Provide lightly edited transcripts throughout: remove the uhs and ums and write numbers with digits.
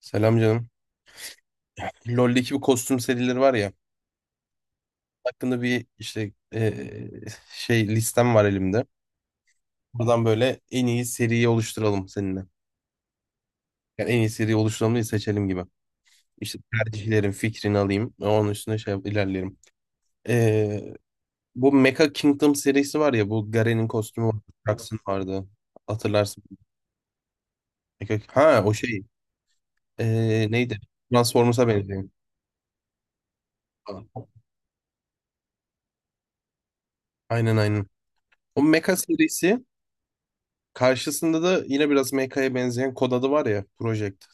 Selam canım. LoL'deki bu kostüm serileri var ya. Hakkında bir işte şey listem var elimde. Buradan böyle en iyi seriyi oluşturalım seninle. Yani en iyi seriyi oluşturalım diye seçelim gibi. İşte tercihlerin fikrini alayım. Onun üstüne ilerleyelim. Eee, bu Mecha Kingdom serisi var ya. Bu Garen'in kostümü vardı. Jax'ın vardı. Hatırlarsın. Ha o şey. Neydi? Transformers'a benziyor. Aynen. O Mecha serisi karşısında da yine biraz MK'ya benzeyen kod adı var ya. Project.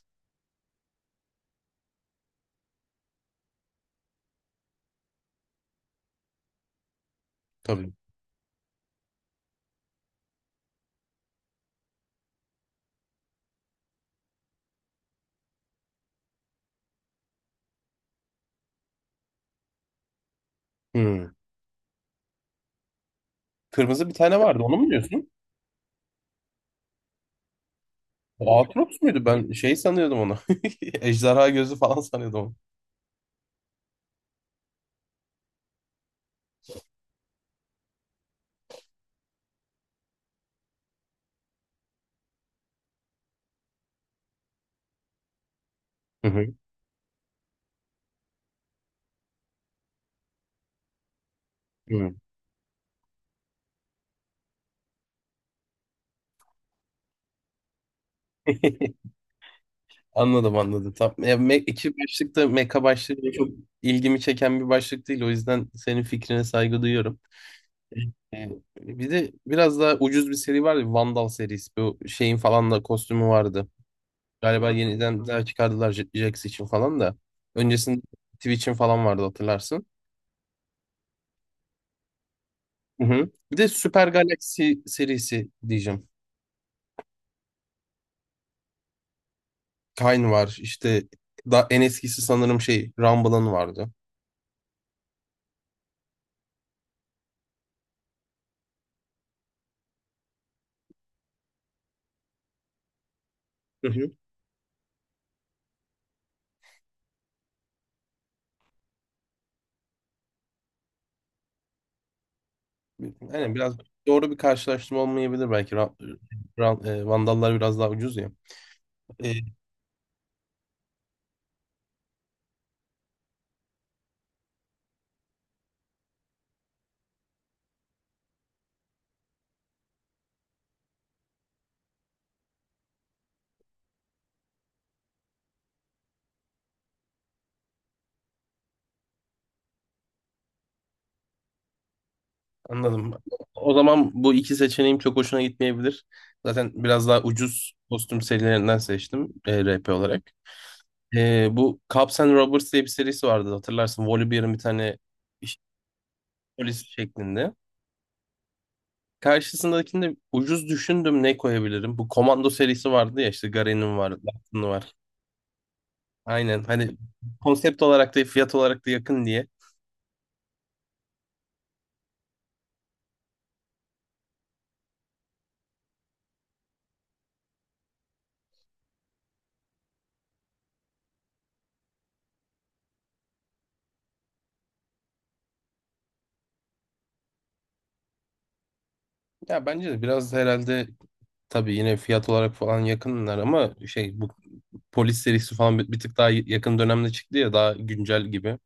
Tabii. Hmm. Kırmızı bir tane vardı. Onu mu diyorsun? O Aatrox muydu? Ben şey sanıyordum onu. Ejderha gözü falan sanıyordum onu. Hı hı. Hı. Anladım. Tam, ya, iki başlıkta meka başlığı çok ilgimi çeken bir başlık değil. O yüzden senin fikrine saygı duyuyorum. Ee, Bir de biraz daha ucuz bir seri vardı. Vandal serisi. Bu şeyin falan da kostümü vardı. Galiba yeniden daha çıkardılar Jax için falan da. Öncesinde Twitch'in falan vardı hatırlarsın. Hı hı. Bir de Super Galaxy serisi diyeceğim. Kayn var işte da en eskisi sanırım şey Rumble'ın vardı. Hı hı. Yani biraz doğru bir karşılaştırma olmayabilir belki. Vandallar biraz daha ucuz ya. E, anladım. O zaman bu iki seçeneğim çok hoşuna gitmeyebilir. Zaten biraz daha ucuz kostüm serilerinden seçtim RP olarak. Bu Cops and Robbers diye bir serisi vardı hatırlarsın. Volibear'ın bir tane iş- polis şeklinde. Karşısındakinde ucuz düşündüm ne koyabilirim. Bu Komando serisi vardı ya işte Garen'in var, Lachlan'ın var. Aynen hani konsept olarak da fiyat olarak da yakın diye. Ya bence de biraz herhalde tabii yine fiyat olarak falan yakınlar ama şey bu polis serisi falan bir tık daha yakın dönemde çıktı ya daha güncel gibi.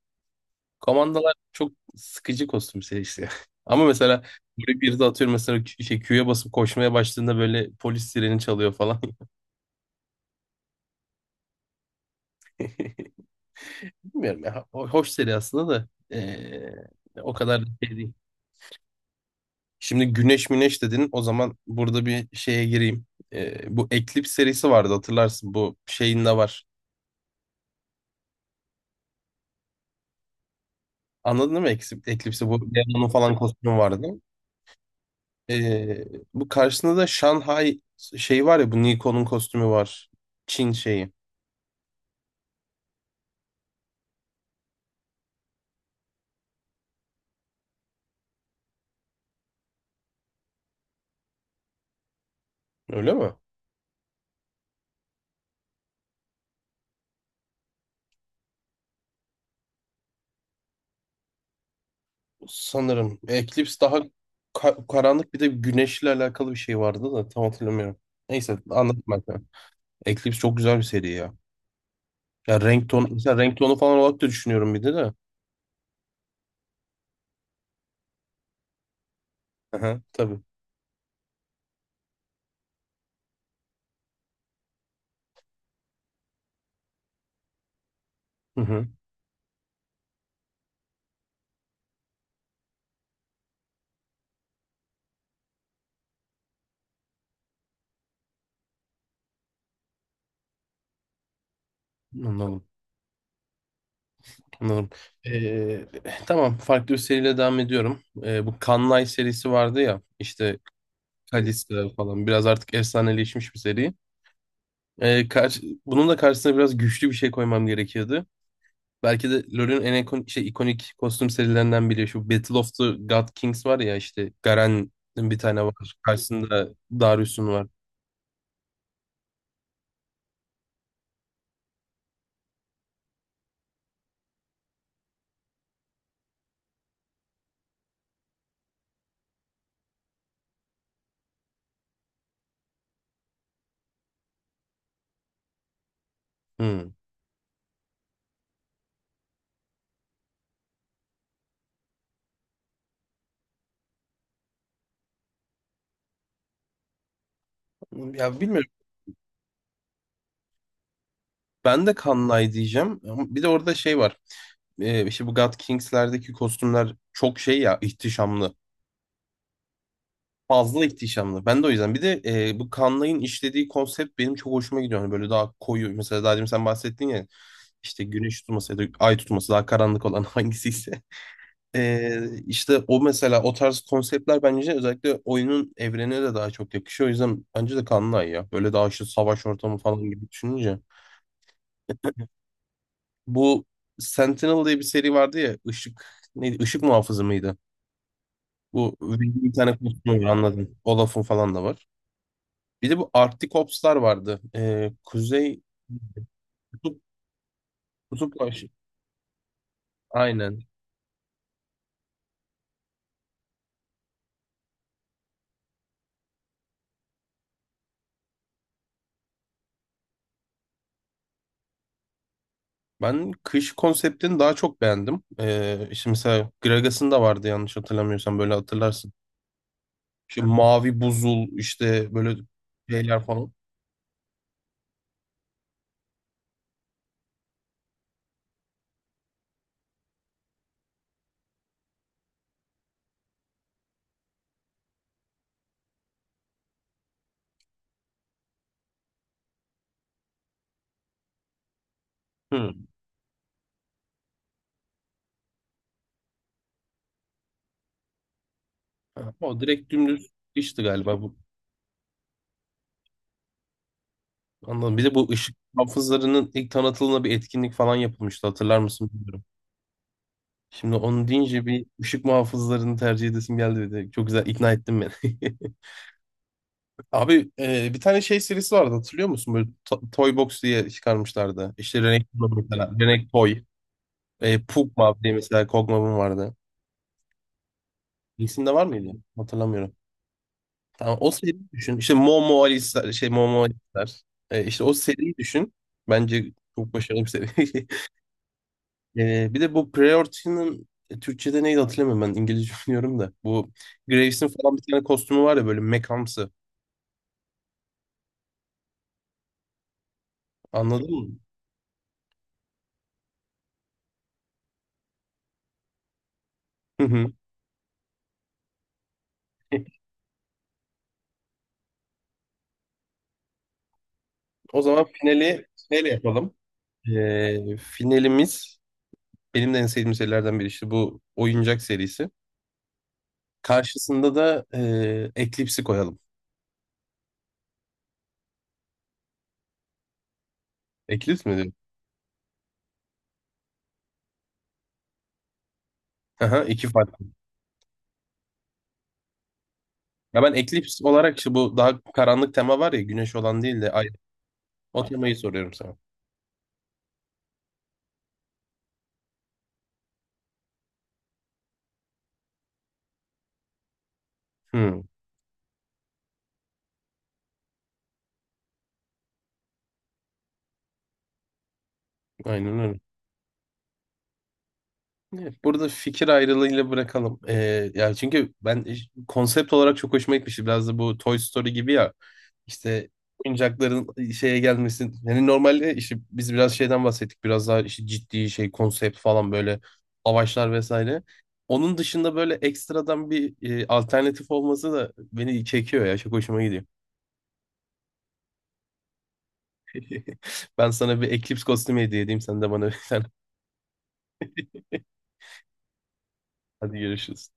Komandalar çok sıkıcı kostüm serisi ya. Ama mesela böyle bir de atıyorum mesela Q'ya basıp koşmaya başladığında böyle polis sireni çalıyor falan. Bilmiyorum ya. Hoş seri aslında da ee, o kadar da şey değil. Şimdi Güneş Müneş dedin. O zaman burada bir şeye gireyim. Bu Eclipse serisi vardı hatırlarsın. Bu şeyin de var. Anladın mı Eclipse? Eclipse bu Leon'un falan kostümü vardı. Ee, bu karşısında da Shanghai şey var ya bu Nikon'un kostümü var. Çin şeyi. Öyle mi? Sanırım. Eclipse daha karanlık bir de güneşle alakalı bir şey vardı da tam hatırlamıyorum. Neyse anladım ben. Sana. Eclipse çok güzel bir seri ya. Ya renk tonu, mesela renk tonu falan olarak da düşünüyorum bir de de. Aha, tabii. Hı hı, anladım. Anladım. Ee, tamam farklı bir seriyle devam ediyorum. Bu Kanlay serisi vardı ya işte Kalista falan biraz artık efsaneleşmiş bir seri. Bunun da karşısına biraz güçlü bir şey koymam gerekiyordu. Belki de LoL'ün en ikonik kostüm serilerinden biri. Şu Battle of the God Kings var ya işte Garen'in bir tane var. Karşısında Darius'un var. Hmm. Ya bilmiyorum. Ben de Kanlay diyeceğim. Ama bir de orada şey var. İşte bu God Kings'lerdeki kostümler çok şey ya, ihtişamlı. Fazla ihtişamlı. Ben de o yüzden. Bir de bu Kanlay'ın işlediği konsept benim çok hoşuma gidiyor. Hani böyle daha koyu. Mesela daha demin sen bahsettin ya işte güneş tutması ya da ay tutması daha karanlık olan hangisiyse. İşte o mesela o tarz konseptler bence özellikle oyunun evrenine de daha çok yakışıyor. O yüzden bence de Kanlı Ay ya. Böyle daha işte savaş ortamı falan gibi düşününce. Bu Sentinel diye bir seri vardı ya. Işık neydi? Işık muhafızı mıydı? Bu bir tane kostümü var anladım. Olaf'ın falan da var. Bir de bu Arctic Ops'lar vardı. Kuzey Kutup, kutup aşı- Aynen. Ben kış konseptini daha çok beğendim. İşte mesela Gragas'ın da vardı yanlış hatırlamıyorsam böyle hatırlarsın. İşte mavi buzul işte böyle şeyler falan. Hı. Ha, o direkt dümdüz işti galiba bu. Anladım. Bir de bu ışık muhafızlarının ilk tanıtılığında bir etkinlik falan yapılmıştı. Hatırlar mısın bilmiyorum. Şimdi onu deyince bir ışık muhafızlarını tercih edesim geldi dedi. Çok güzel ikna ettin beni. Abi bir tane şey serisi vardı hatırlıyor musun? Böyle Toy Box diye çıkarmışlardı. İşte Renek mesela. Renek Toy. Pugma diye mesela Kogma'nın vardı. İkisinde var mıydı? Hatırlamıyorum. Tamam o seriyi düşün. İşte Momo Alice'ler, şey Momo Alice'ler. İşte o seriyi düşün. Bence çok başarılı bir seri. Bir de bu Priority'nin Türkçe'de neydi hatırlamıyorum ben. İngilizce biliyorum da. Bu Graves'in falan bir tane kostümü var ya böyle mekamsı. Anladın mı? Hı hı. O zaman finali neyle yapalım? Finalimiz benim de en sevdiğim serilerden biri işte bu oyuncak serisi. Karşısında da Eclipse'i koyalım. Eclipse mi diyor? Aha, iki farklı. Ya ben eklips olarak işte bu daha karanlık tema var ya güneş olan değil de ay. O temayı soruyorum sana. Hmm, aynen öyle. Evet, burada fikir ayrılığıyla bırakalım. Ya çünkü ben konsept olarak çok hoşuma gitmişti. Biraz da bu Toy Story gibi ya. İşte oyuncakların şeye gelmesi. Yani normalde işte biz biraz şeyden bahsettik. Biraz daha işte ciddi şey konsept falan böyle savaşlar vesaire. Onun dışında böyle ekstradan bir alternatif olması da beni çekiyor ya. Çok hoşuma gidiyor. Ben sana bir Eclipse kostümü hediye edeyim. Sen de bana bir tane. Hadi görüşürüz.